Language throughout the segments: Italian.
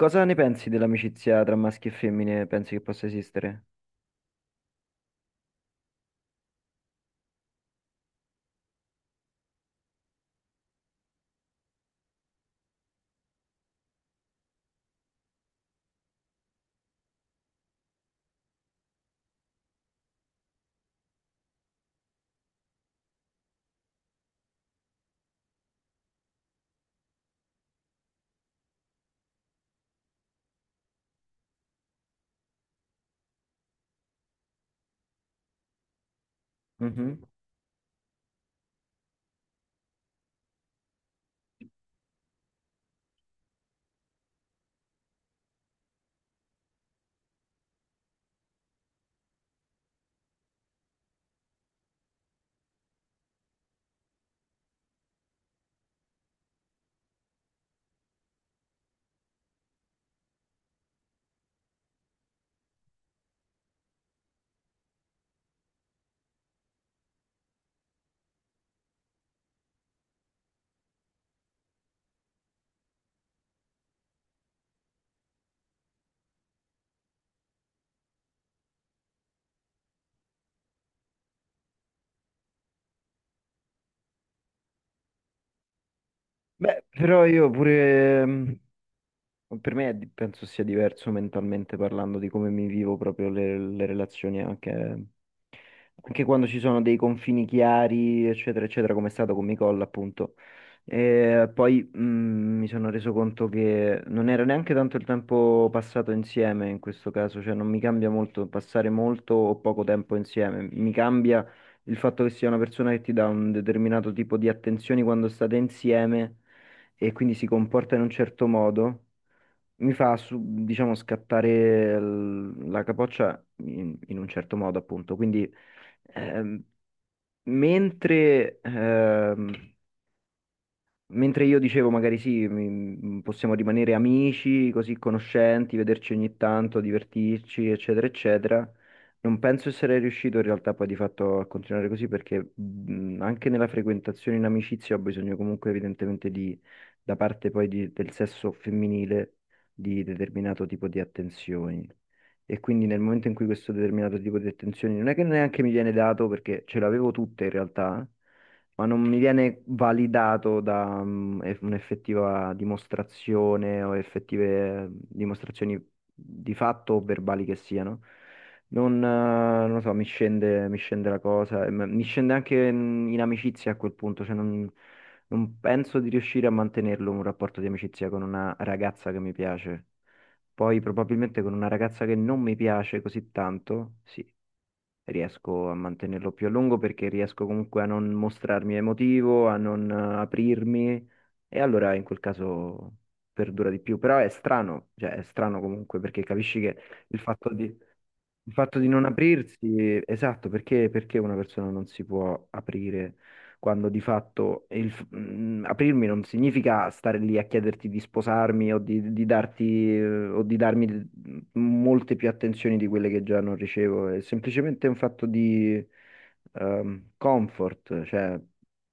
Cosa ne pensi dell'amicizia tra maschi e femmine? Pensi che possa esistere? Mhm. Beh, però io pure, per me penso sia diverso mentalmente parlando di come mi vivo proprio le relazioni anche. Anche quando ci sono dei confini chiari, eccetera, eccetera, come è stato con Micolla, appunto. E poi mi sono reso conto che non era neanche tanto il tempo passato insieme in questo caso, cioè non mi cambia molto passare molto o poco tempo insieme, mi cambia il fatto che sia una persona che ti dà un determinato tipo di attenzioni quando state insieme e quindi si comporta in un certo modo, mi fa, diciamo, scattare la capoccia in un certo modo, appunto. Quindi, ehm, mentre ehm, Mentre io dicevo, magari sì, possiamo rimanere amici, così conoscenti, vederci ogni tanto, divertirci, eccetera, eccetera. Non penso di essere riuscito in realtà poi di fatto a continuare così, perché anche nella frequentazione in amicizia ho bisogno comunque evidentemente da parte poi del sesso femminile, di determinato tipo di attenzioni. E quindi nel momento in cui questo determinato tipo di attenzioni non è che neanche mi viene dato, perché ce l'avevo tutte in realtà, ma non mi viene validato da un'effettiva dimostrazione o effettive dimostrazioni di fatto o verbali che siano. Non, eh, non lo so, mi scende la cosa, e mi scende anche in amicizia a quel punto, cioè non penso di riuscire a mantenerlo un rapporto di amicizia con una ragazza che mi piace. Poi probabilmente con una ragazza che non mi piace così tanto, sì, riesco a mantenerlo più a lungo perché riesco comunque a non mostrarmi emotivo, a non aprirmi, e allora in quel caso perdura di più. Però è strano, cioè è strano comunque perché capisci che il fatto di... Il fatto di non aprirsi, esatto, perché, perché una persona non si può aprire quando di fatto aprirmi non significa stare lì a chiederti di sposarmi o di darti, o di darmi molte più attenzioni di quelle che già non ricevo. È semplicemente un fatto di comfort, cioè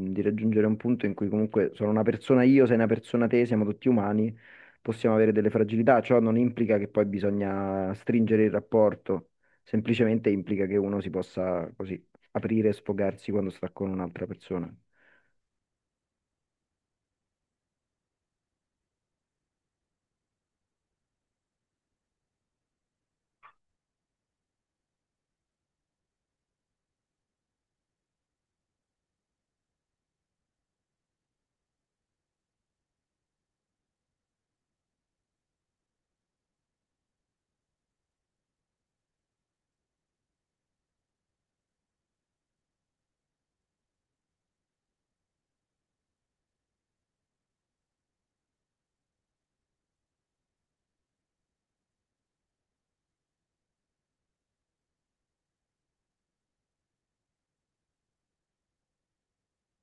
di raggiungere un punto in cui comunque sono una persona io, sei una persona te, siamo tutti umani, possiamo avere delle fragilità, ciò non implica che poi bisogna stringere il rapporto. Semplicemente implica che uno si possa così aprire e sfogarsi quando sta con un'altra persona.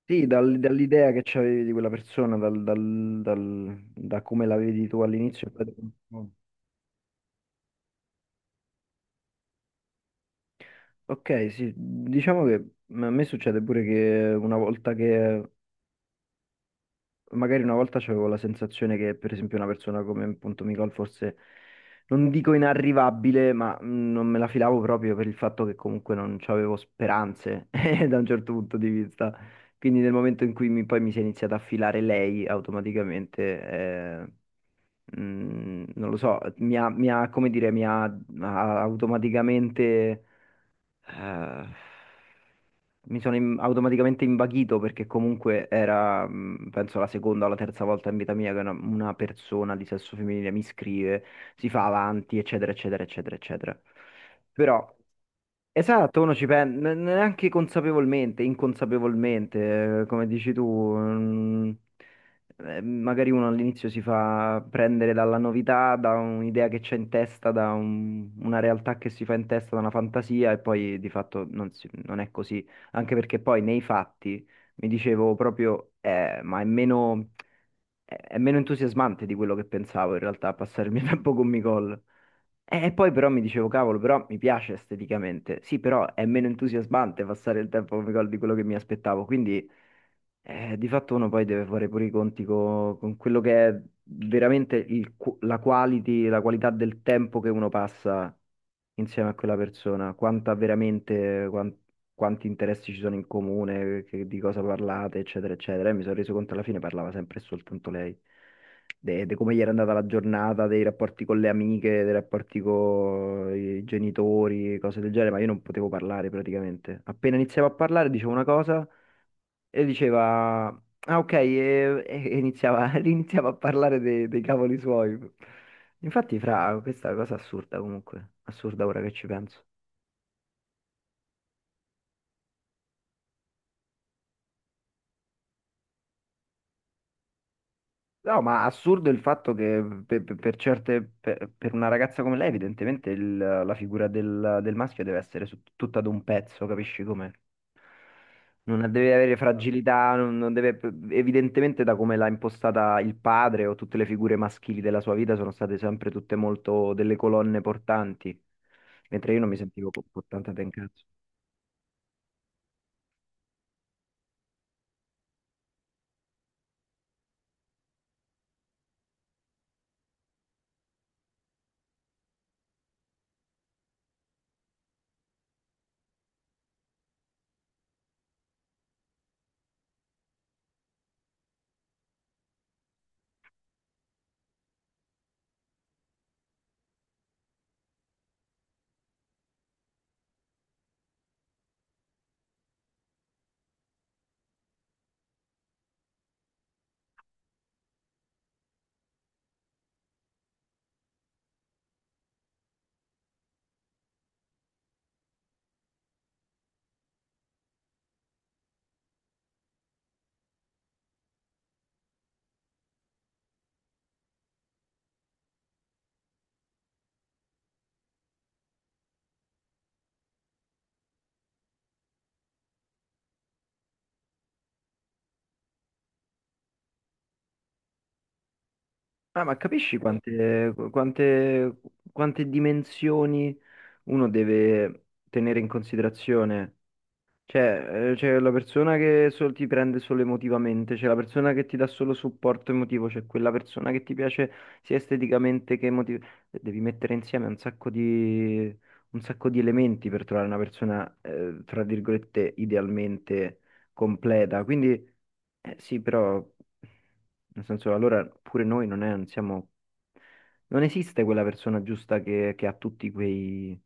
Sì, dall'idea che c'avevi di quella persona, da come la vedi tu all'inizio. Ok, sì, diciamo che a me succede pure che una volta che magari una volta avevo la sensazione che, per esempio, una persona come appunto Micol fosse, non dico inarrivabile, ma non me la filavo proprio per il fatto che comunque non avevo speranze da un certo punto di vista. Quindi nel momento in cui poi mi si è iniziata a filare lei automaticamente, non lo so, mi ha, come dire, mi ha automaticamente... Eh, mi sono automaticamente imbaghito, perché comunque era, penso, la seconda o la terza volta in vita mia che una persona di sesso femminile mi scrive, si fa avanti, eccetera, eccetera, eccetera, eccetera. Però esatto, uno ci pensa neanche consapevolmente, inconsapevolmente, come dici tu. mm, Magari uno all'inizio si fa prendere dalla novità, da un'idea che c'è in testa, da una realtà che si fa in testa, da una fantasia, e poi di fatto non è così, anche perché poi nei fatti mi dicevo proprio, ma è meno entusiasmante di quello che pensavo in realtà passare il mio tempo con Micol. E poi però mi dicevo, cavolo, però mi piace esteticamente. Sì, però è meno entusiasmante passare il tempo come gol di quello che mi aspettavo. Quindi di fatto uno poi deve fare pure i conti con quello che è veramente la quality, la qualità del tempo che uno passa insieme a quella persona, quanti interessi ci sono in comune, di cosa parlate, eccetera, eccetera. E mi sono reso conto, alla fine parlava sempre e soltanto lei, de de come gli era andata la giornata, dei rapporti con le amiche, dei rapporti con i genitori, cose del genere, ma io non potevo parlare praticamente. Appena iniziavo a parlare dicevo una cosa e diceva, ah ok, e iniziava, iniziava a parlare dei cavoli suoi. Infatti, fra, questa è una cosa assurda comunque, assurda ora che ci penso. No, ma assurdo il fatto che per una ragazza come lei, evidentemente la figura del maschio deve essere tutta ad un pezzo, capisci come? Non deve avere fragilità, non deve, evidentemente, da come l'ha impostata il padre, o tutte le figure maschili della sua vita sono state sempre tutte molto delle colonne portanti, mentre io non mi sentivo portata da un cazzo. Ah, ma capisci quante dimensioni... uno deve tenere in considerazione, cioè c'è la persona che ti prende solo emotivamente, c'è la persona che ti dà solo supporto emotivo, c'è quella persona che ti piace sia esteticamente che emotivamente. Devi mettere insieme un sacco di elementi per trovare una persona, tra virgolette, idealmente completa. Quindi sì, però, nel senso, allora pure noi non siamo... Non esiste quella persona giusta che ha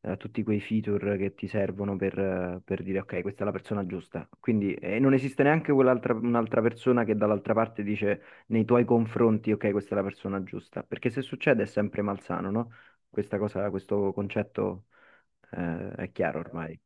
tutti quei feature che ti servono per dire ok, questa è la persona giusta. Quindi non esiste neanche quell'altra un'altra persona che dall'altra parte dice nei tuoi confronti, ok, questa è la persona giusta, perché se succede è sempre malsano, no? Questa cosa, questo concetto è chiaro ormai.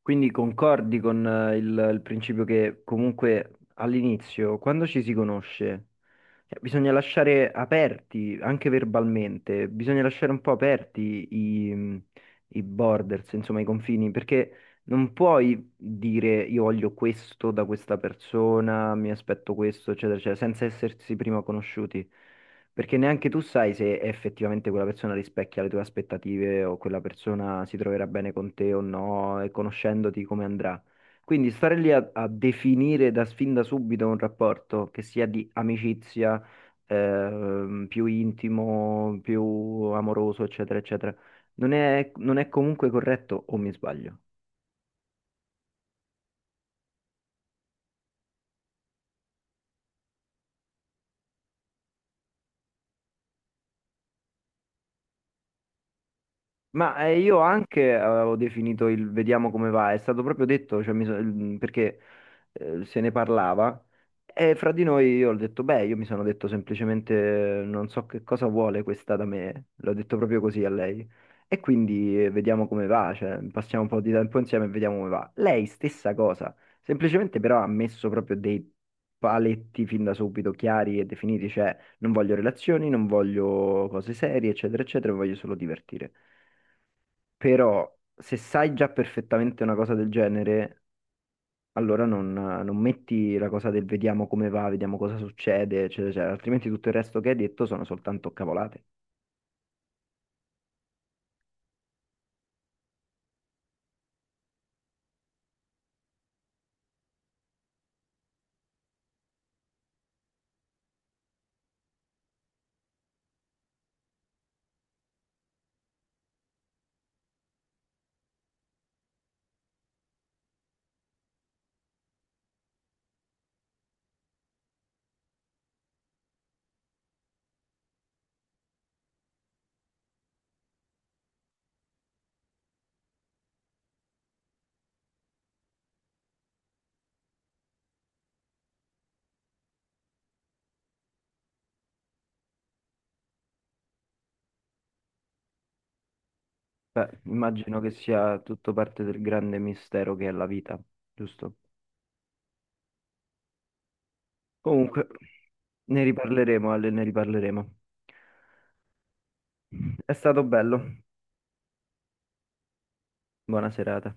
Quindi concordi con il principio che comunque all'inizio, quando ci si conosce, cioè, bisogna lasciare aperti, anche verbalmente, bisogna lasciare un po' aperti i borders, insomma, i confini, perché non puoi dire io voglio questo da questa persona, mi aspetto questo, eccetera, eccetera, senza essersi prima conosciuti. Perché neanche tu sai se effettivamente quella persona rispecchia le tue aspettative o quella persona si troverà bene con te o no, e conoscendoti come andrà. Quindi stare lì a definire da fin da subito un rapporto, che sia di amicizia, più intimo, più amoroso, eccetera, eccetera. Non è comunque corretto, o mi sbaglio? Ma io anche avevo definito il vediamo come va, è stato proprio detto, cioè, perché se ne parlava, e fra di noi io ho detto, beh, io mi sono detto semplicemente non so che cosa vuole questa da me, l'ho detto proprio così a lei, e quindi vediamo come va, cioè, passiamo un po' di tempo insieme e vediamo come va. Lei stessa cosa, semplicemente però ha messo proprio dei paletti fin da subito chiari e definiti, cioè non voglio relazioni, non voglio cose serie, eccetera, eccetera, mi voglio solo divertire. Però, se sai già perfettamente una cosa del genere, allora non metti la cosa del vediamo come va, vediamo cosa succede, eccetera, eccetera, altrimenti tutto il resto che hai detto sono soltanto cavolate. Beh, immagino che sia tutto parte del grande mistero che è la vita, giusto? Comunque, ne riparleremo, Ale, ne riparleremo. È stato bello. Buona serata.